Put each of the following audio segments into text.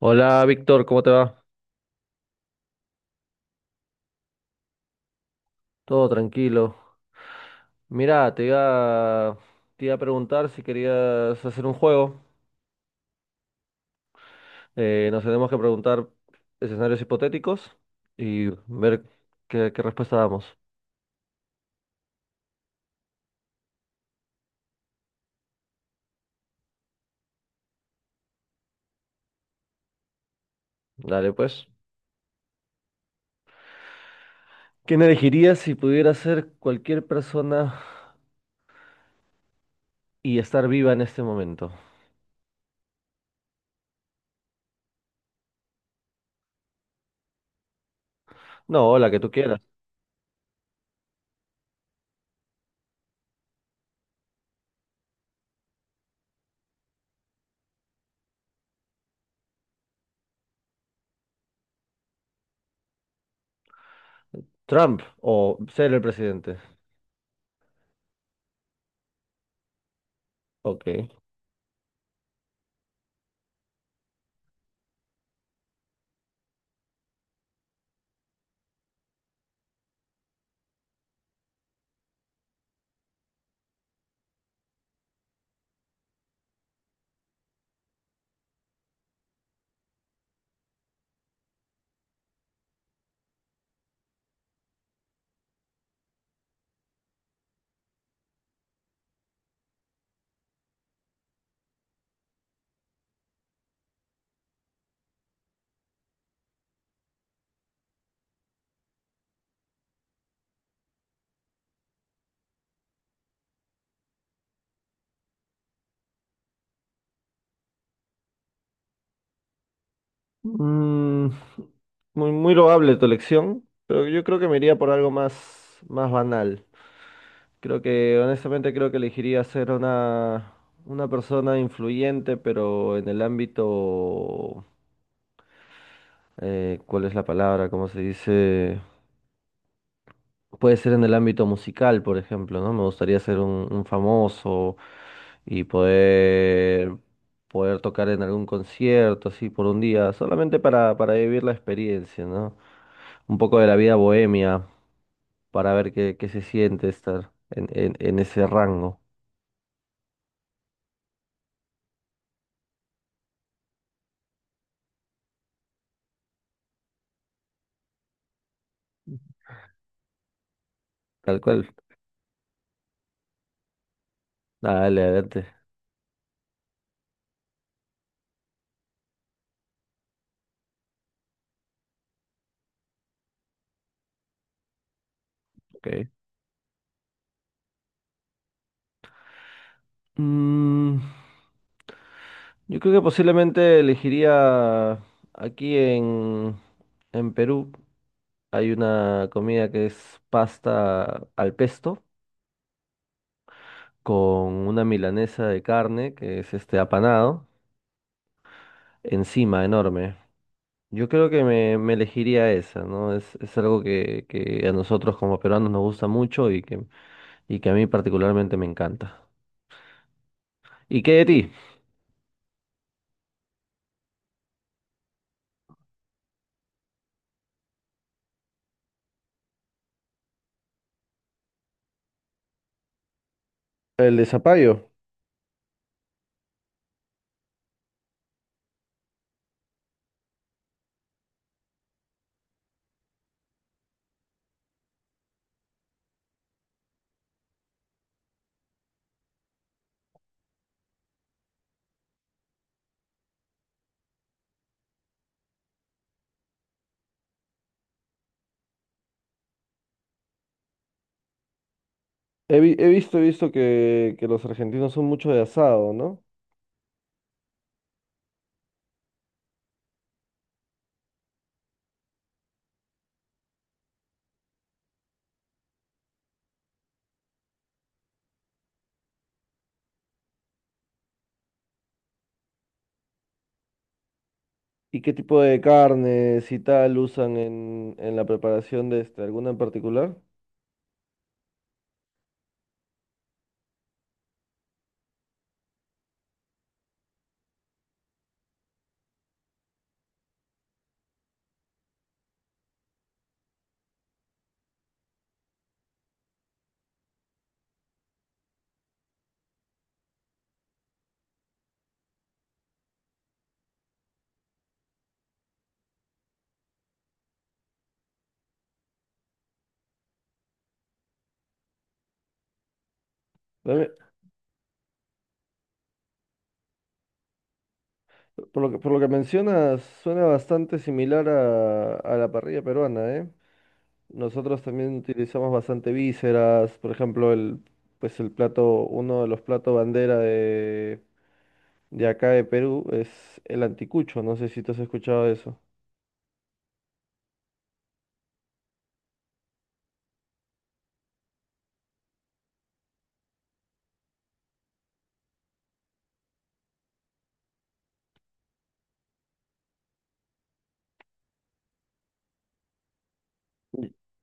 Hola Víctor, ¿cómo te va? Todo tranquilo. Mira, te iba a preguntar si querías hacer un juego. Nos tenemos que preguntar escenarios hipotéticos y ver qué respuesta damos. Dale, pues. ¿Quién elegirías si pudiera ser cualquier persona y estar viva en este momento? No, la que tú quieras. ¿Trump o ser el presidente? Ok. Mm, Muy loable tu elección, pero yo creo que me iría por algo más, más banal. Creo que, honestamente, creo que elegiría ser una persona influyente, pero en el ámbito, ¿cuál es la palabra? ¿Cómo se dice? Puede ser en el ámbito musical, por ejemplo, ¿no? Me gustaría ser un famoso y poder tocar en algún concierto, así, por un día, solamente para vivir la experiencia, ¿no? Un poco de la vida bohemia, para ver qué se siente estar en ese rango. Tal cual. Dale, adelante. Ok. Mm, yo creo que posiblemente elegiría aquí en, en Perú. Hay una comida que es pasta al pesto con una milanesa de carne que es este apanado encima, enorme. Yo creo que me elegiría esa, ¿no? Es algo que a nosotros como peruanos nos gusta mucho y que a mí particularmente me encanta. ¿Y qué de ti? El de zapallo. He visto que los argentinos son mucho de asado, ¿no? ¿Y qué tipo de carnes y tal usan en la preparación de este, alguna en particular? Dame- por lo que, por lo que mencionas, suena bastante similar a la parrilla peruana, ¿eh? Nosotros también utilizamos bastante vísceras, por ejemplo, pues el plato, uno de los platos bandera de acá de Perú es el anticucho, no sé si tú has escuchado eso.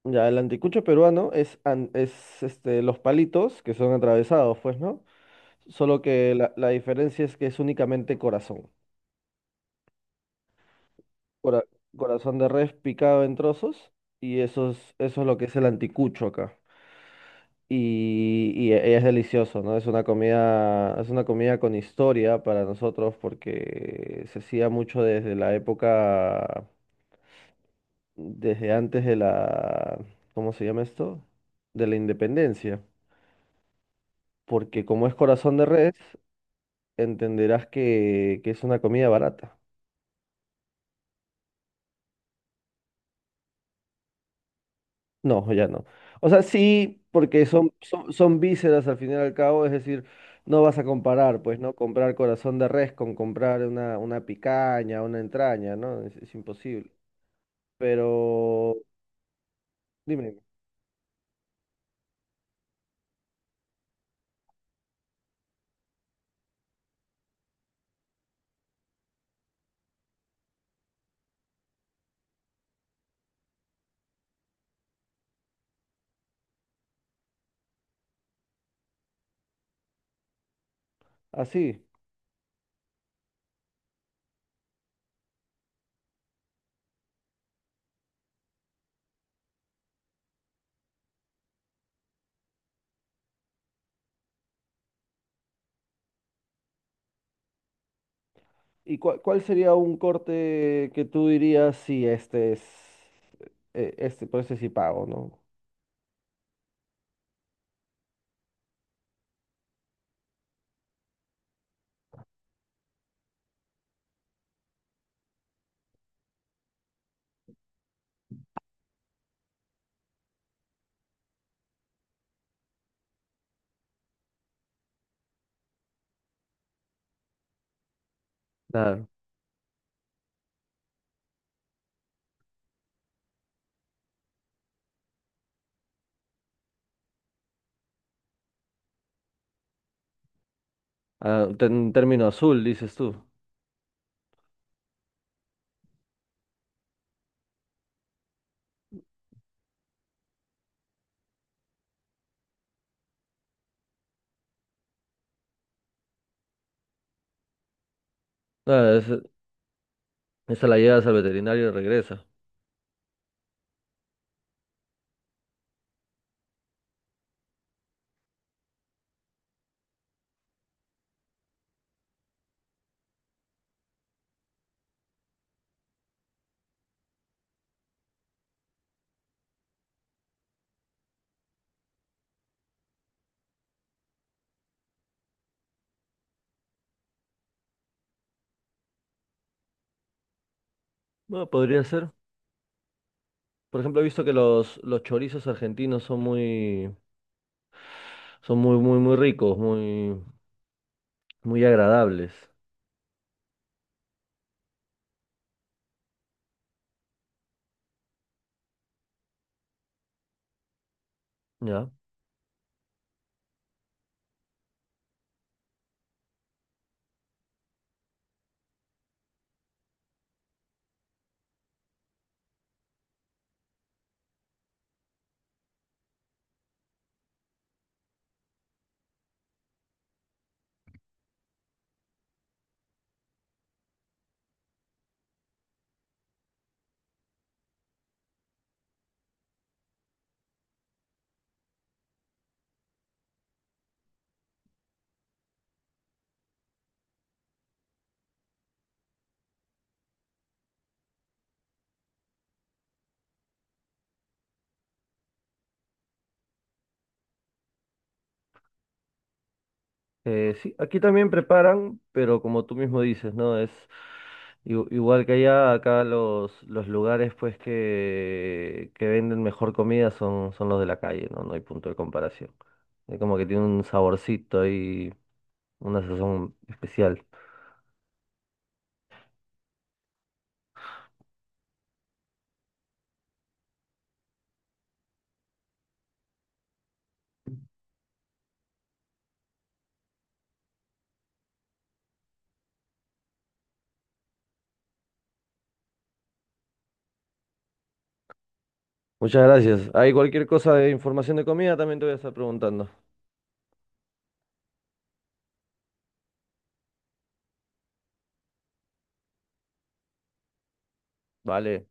Ya, el anticucho peruano es, es este, los palitos que son atravesados, pues, ¿no? Solo que la diferencia es que es únicamente corazón. Cora- Corazón de res picado en trozos y eso es lo que es el anticucho acá. Y, es delicioso, ¿no? Es una comida con historia para nosotros porque se hacía mucho desde la época, desde antes de la, ¿cómo se llama esto? De la independencia. Porque como es corazón de res, entenderás que es una comida barata. No, ya no. O sea, sí, porque son, son vísceras al fin y al cabo, es decir, no vas a comparar, pues, ¿no? Comprar corazón de res con comprar una picaña, una entraña, ¿no? Es imposible. Pero, dime, así. ¿Y cuál sería un corte que tú dirías si este es, por este sí pago, ¿no? Claro. Ah, en término azul, dices tú. Claro, esa la llevas al veterinario y regresa. Bueno, podría ser. Por ejemplo, he visto que los chorizos argentinos son muy ricos, muy agradables. ¿Ya? Sí, aquí también preparan, pero como tú mismo dices, ¿no? Es igual que allá, acá los lugares pues que venden mejor comida son, son los de la calle, ¿no? No hay punto de comparación. Es como que tiene un saborcito y una sazón especial. Muchas gracias. Hay cualquier cosa de información de comida, también te voy a estar preguntando. Vale.